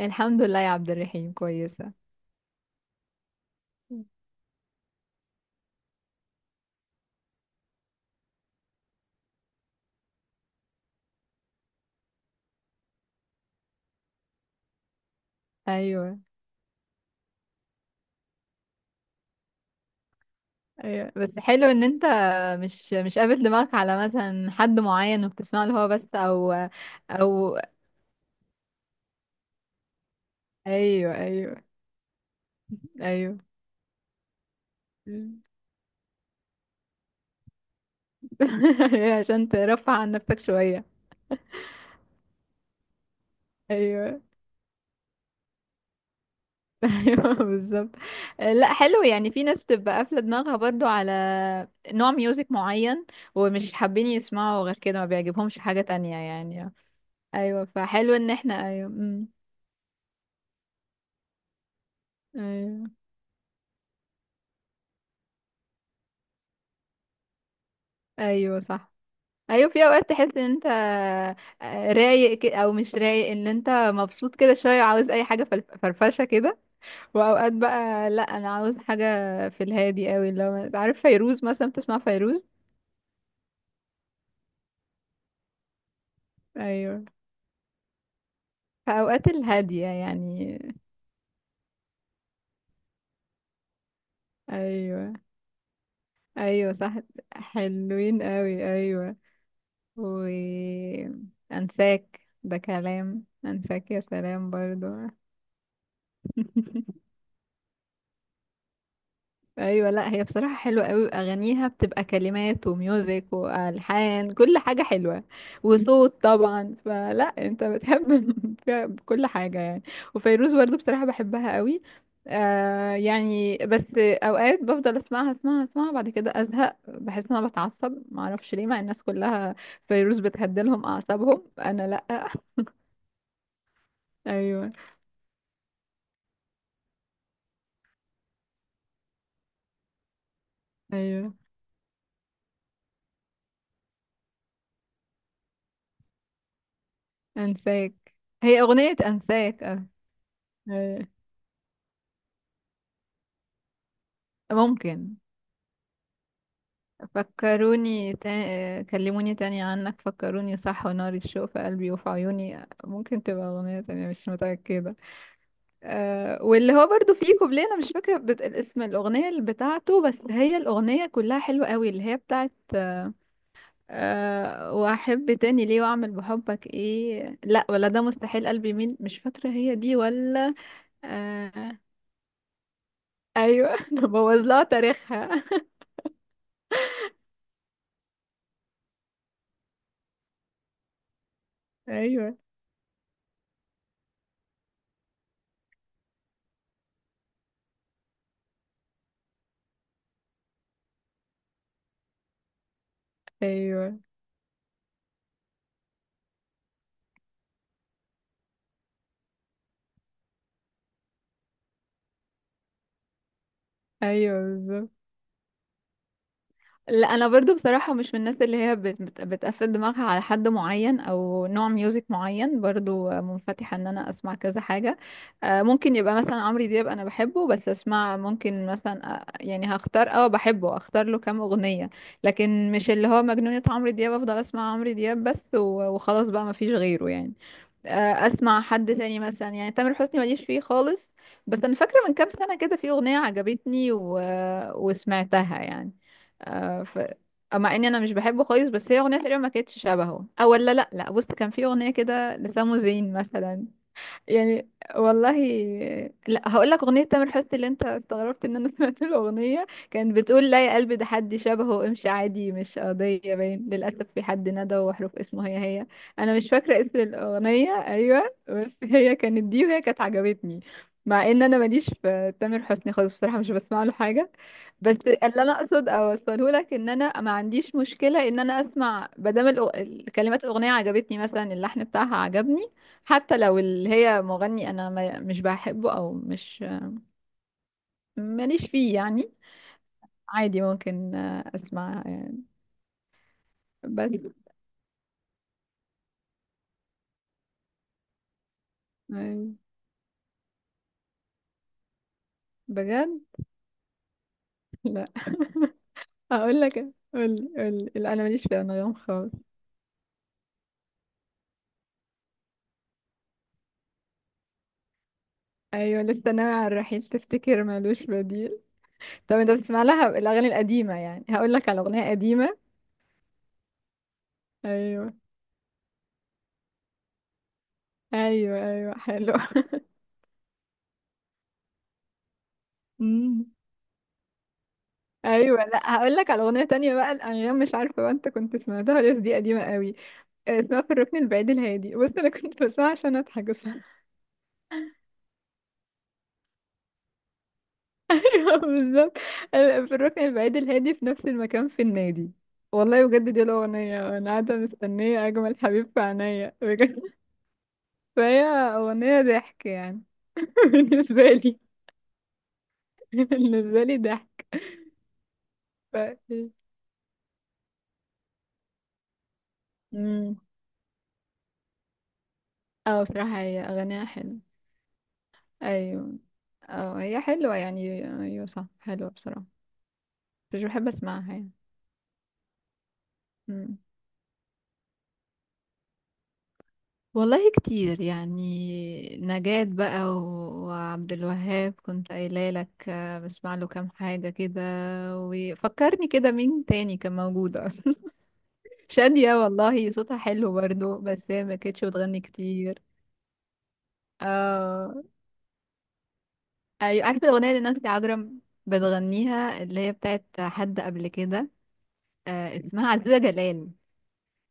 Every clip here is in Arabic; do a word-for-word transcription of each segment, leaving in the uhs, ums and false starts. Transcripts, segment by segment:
الحمد لله يا عبد الرحيم، كويسة. ايوه، ايوه بس حلو ان انت مش مش قابل دماغك على مثلا حد معين وبتسمع له هو بس، او او ايوه، ايوه، ايوه. عشان ترفع عن نفسك شوية. ايوه. ايوه بالظبط. لا، حلو يعني. في ناس بتبقى قافلة دماغها برضو على نوع ميوزك معين، ومش حابين يسمعوا غير كده، ما بيعجبهمش حاجة تانية يعني. ايوه، فحلو ان احنا، ايوه. أمم، ايوه، ايوه صح. ايوه، في اوقات تحس ان انت آه، رايق، ك- او مش رايق، ان انت مبسوط كده شويه وعاوز اي حاجه فل- فرفشه كده. واوقات بقى لا، انا عاوز حاجه في الهادي قوي، اللي هو عارف فيروز مثلا، بتسمع فيروز. ايوه، فاوقات الهاديه يعني. ايوه، ايوه صح، حلوين قوي، ايوه. و انساك ده كلام. انساك، يا سلام، برضو. ايوه، لا هي بصراحه حلوه قوي، اغانيها بتبقى كلمات وميوزك والحان، كل حاجه حلوه. وصوت طبعا، فلا انت بتحب فيها كل حاجه يعني. وفيروز برضو بصراحه بحبها قوي. آه يعني، بس اوقات بفضل اسمعها اسمعها اسمعها بعد كده ازهق. بحس ان انا بتعصب، ما اعرفش ليه. مع الناس كلها فيروز بتهدلهم اعصابهم، انا لا. ايوه، ايوه، انساك. هي اغنيه انساك، آه. أيوة. ممكن. فكروني تا... كلموني تاني عنك، فكروني، صح، ونار الشوق في قلبي وفي عيوني. ممكن تبقى أغنية تانية، مش متأكدة. أه، واللي هو برضو فيه كوبليه، أنا مش فاكرة بت... اسم الأغنية اللي بتاعته، بس هي الأغنية كلها حلوة قوي، اللي هي بتاعت أه وأحب تاني ليه، وأعمل بحبك إيه، لا، ولا ده مستحيل قلبي مين. مش فاكرة هي دي ولا. أه. أيوة. أنا بوظ لها تاريخها. أيوة. أيوة، أيوة بالظبط. لا انا برضو بصراحه مش من الناس اللي هي بت... بت- بتقفل دماغها على حد معين او نوع ميوزك معين. برضو منفتحه ان انا اسمع كذا حاجه. آه، ممكن يبقى مثلا عمرو دياب، انا بحبه بس اسمع ممكن مثلا، آه، يعني هختار، اه بحبه اختار له كام اغنيه. لكن مش اللي هو مجنونه عمرو دياب افضل اسمع عمرو دياب بس، و- وخلاص بقى، ما فيش غيره يعني. آه، اسمع حد تاني مثلا، يعني تامر حسني ماليش فيه خالص. بس انا فاكره من كام سنه كده في اغنيه عجبتني و... وسمعتها يعني. آه، ف... مع اني انا مش بحبه خالص، بس هي اغنيه تقريبا ما كانتش شبهه، او ولا، لا، لا، بص، كان في اغنيه كده لسامو زين مثلا، يعني، والله. لا، هقول لك اغنيه تامر حسني اللي انت استغربت ان انا سمعت الاغنيه، كانت بتقول لا يا قلبي ده حد شبهه، امشي عادي مش قضيه، باين للاسف في حد ندى، وحروف اسمه هي هي. انا مش فاكره اسم الاغنيه، ايوه، بس هي كانت دي وهي كانت عجبتني. مع ان انا ماليش في تامر حسني خالص بصراحه، مش بسمع له حاجه. بس اللي انا اقصد اوصله لك، ان انا ما عنديش مشكله ان انا اسمع، ما دام الأغ- كلمات الاغنيه عجبتني، مثلا اللحن بتاعها عجبني، حتى لو اللي هي مغني انا ما مش بحبه، او مش ماليش فيه يعني. عادي ممكن، آه، اسمع يعني. بس أيوة. بجد. لا، اقول لك، قول قول، لا انا ماليش في الانغام خالص. ايوه، لسه ناوي على الرحيل تفتكر مالوش بديل. طب انت بتسمع لها الاغاني القديمه يعني؟ هقول لك على اغنيه قديمه. ايوه، ايوه، ايوه، حلو. أمم. ايوه، لا هقول لك على اغنيه تانية بقى الانغام، مش عارفه بقى انت كنت سمعتها ولا لأ، دي قديمه قوي، اسمها في الركن البعيد الهادي. بص انا كنت بسمعها عشان اضحك بس. أيوة، بالظبط. أنا في الركن البعيد الهادي، في نفس المكان في النادي، والله بجد دي الاغنيه، انا قاعده مستنيه اجمل حبيب في عينيا، بجد. فهي اغنيه ضحك يعني. بالنسبه لي، بالنسبه لي ضحك. ف... امم اه بصراحه هي اغانيها حلوه، ايوه، اه هي حلوه يعني، ايوه صح، حلوه بصراحه، مش بحب اسمعها يعني. مم. والله كتير يعني، نجاة بقى، و- وعبد الوهاب كنت قايله لك، آه، بسمع له كام حاجة كده. وفكرني كده مين تاني كان موجود اصلا؟ شادية، والله صوتها حلو برضو، بس هي ما كانتش بتغني كتير. اه، ايوه، عارفة الأغنية اللي نانسي عجرم بتغنيها، اللي هي بتاعت حد قبل كده؟ آه، اسمها عزيزة جلال.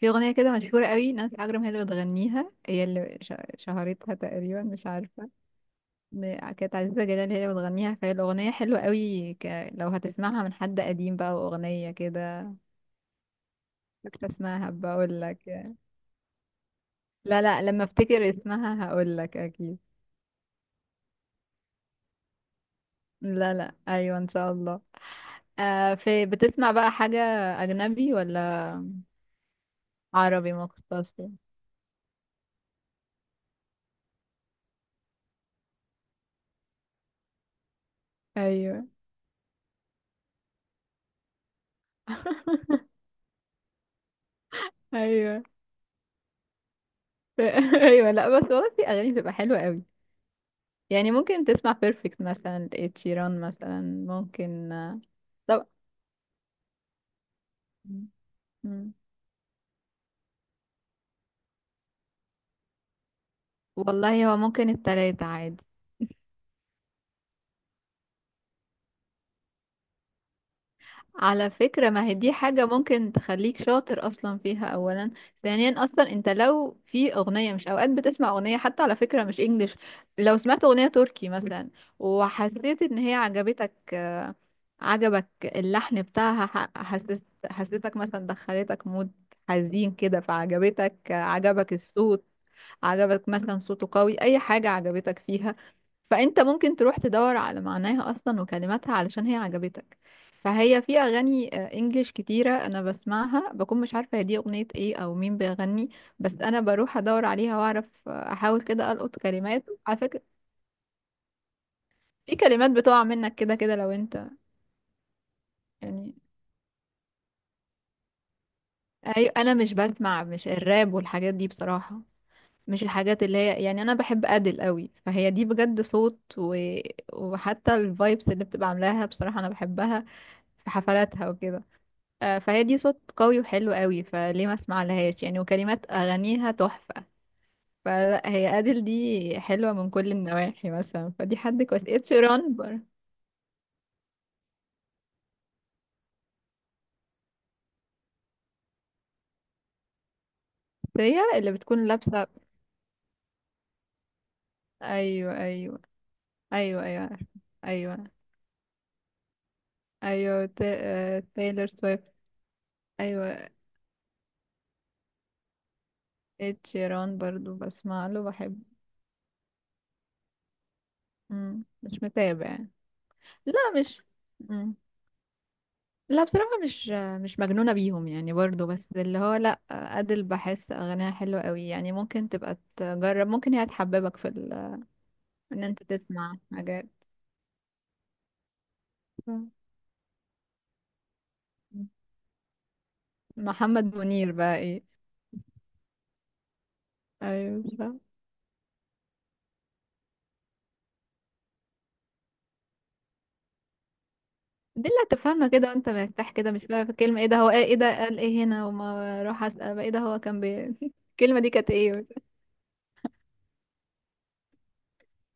في أغنية كده مشهورة قوي نانسي عجرم هي اللي بتغنيها، هي اللي ش- شهرتها تقريبا، مش عارفة، ب- كانت عزيزة جلال هي اللي بتغنيها. فهي الأغنية حلوة قوي، ك... لو هتسمعها من حد قديم بقى، وأغنية كده. فاكرة اسمها، بقول لك. لا، لا، لما افتكر اسمها هقول لك أكيد. لا، لا، أيوة إن شاء الله. آه في بتسمع بقى حاجة أجنبي ولا عربي مختص؟ أيوة. أيوة. أيوة، لا بس والله في أغاني بتبقى حلوة قوي يعني، ممكن تسمع بيرفكت مثلا لإد شيران مثلا. ممكن، آه، طب. مم. والله هو ممكن التلاتة عادي. على فكرة ما هي دي حاجة ممكن تخليك شاطر أصلا فيها أولا، ثانيا أصلا أنت لو في أغنية، مش أوقات بتسمع أغنية حتى على فكرة مش إنجليش، لو سمعت أغنية تركي مثلا وحسيت إن هي عجبتك، عجبك اللحن بتاعها، ح- حسيت، حسيتك مثلا دخلتك مود حزين كده، فعجبتك، عجبك الصوت، عجبك مثلا صوته قوي، اي حاجة عجبتك فيها، فانت ممكن تروح تدور على معناها اصلا وكلماتها علشان هي عجبتك. فهي في اغاني آه، انجليش كتيرة انا بسمعها، بكون مش عارفة هي دي اغنية ايه او مين بيغني. بس انا بروح ادور عليها واعرف، آه، احاول كده القط كلمات على فكرة. في كلمات بتقع منك كده كده لو انت، يعني. أي- انا مش بسمع مش الراب والحاجات دي بصراحة. مش الحاجات اللي هي يعني. انا بحب ادل قوي، فهي دي بجد صوت، و... وحتى الفايبس اللي بتبقى عاملاها بصراحة انا بحبها في حفلاتها وكده. آه، فهي دي صوت قوي وحلو قوي، فليه ما اسمع لهاش يعني؟ وكلمات اغانيها تحفة. فلا هي ادل دي حلوة من كل النواحي مثلا، فدي حد كويس، اتشيران بر هي اللي بتكون لابسة. ايوه، ايوه، ايوه، ايوه، عارفة. ايوه، ايوه، تا- آه، تايلر سويفت. ايوه، اتشيران برضو بسمع له، بحب. مم. مش متابع. لا مش مم. لا بصراحة مش، مش مجنونة بيهم يعني برضو. بس اللي هو لا، أدل بحس أغانيها حلوة قوي يعني، ممكن تبقى تجرب، ممكن هي تحببك في ال... إن أنت تسمع حاجات. مم. محمد منير بقى إيه؟ ايوه فاهم. دي اللي هتفهمها كده وأنت مرتاح كده، مش بقى في كلمة إيه ده هو، إيه إيه ده قال إيه هنا، وما أروح أسأل بقى إيه ده هو كان بي... الكلمة دي كانت إيه.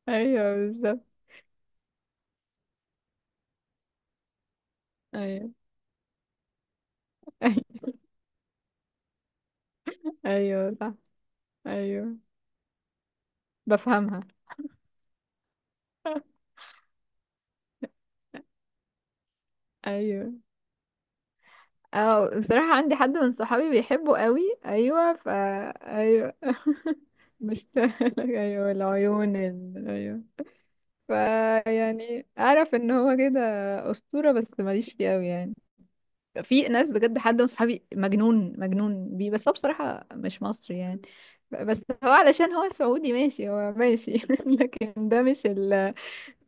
ايوه بالظبط. أيوه. ايوه صح. ايوه بفهمها. ايوه، اه بصراحة عندي حد من صحابي بيحبه قوي. ايوه فا ايوه. مشتاق، ايوه، العيون ال... ايوه. فا يعني اعرف ان هو كده اسطورة، بس ماليش فيه قوي يعني. في ناس بجد حد من صحابي مجنون مجنون بيه. بس هو بصراحة مش مصري يعني، ب- بس هو علشان هو سعودي، ماشي، هو ماشي. لكن ده مش ال...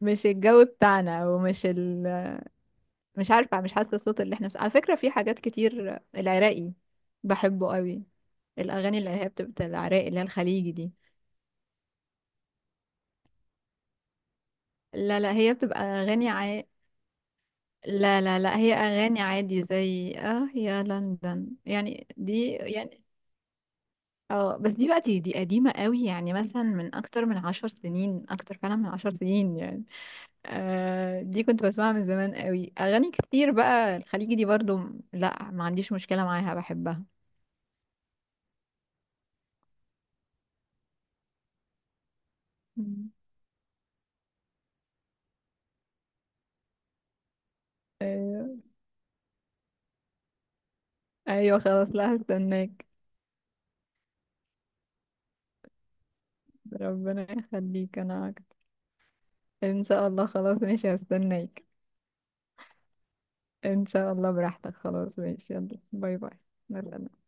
مش الجو بتاعنا، او مش مش عارفة، مش حاسة الصوت اللي احنا. بس على فكرة في حاجات كتير العراقي، بحبه قوي. الأغاني اللي هي بتبقى العراقي، اللي هي الخليجي دي، لا، لا، هي بتبقى أغاني عا... لا، لا، لا، هي أغاني عادي زي اه يا لندن يعني، دي يعني. اه بس دي بقى دي, دي, قديمة قوي يعني، مثلا من أكتر من عشر سنين، أكتر فعلا من عشر سنين يعني. آه دي كنت بسمعها من زمان قوي. أغاني كتير بقى الخليجي دي برضو، لا ما عنديش مشكلة معاها، بحبها. مم. ايوه، خلاص، لا هستناك. ربنا يخليك، انا أكتر. ان شاء الله، خلاص ماشي، هستناك. ان شاء الله براحتك، خلاص ماشي، يلا، باي باي. مع السلامة.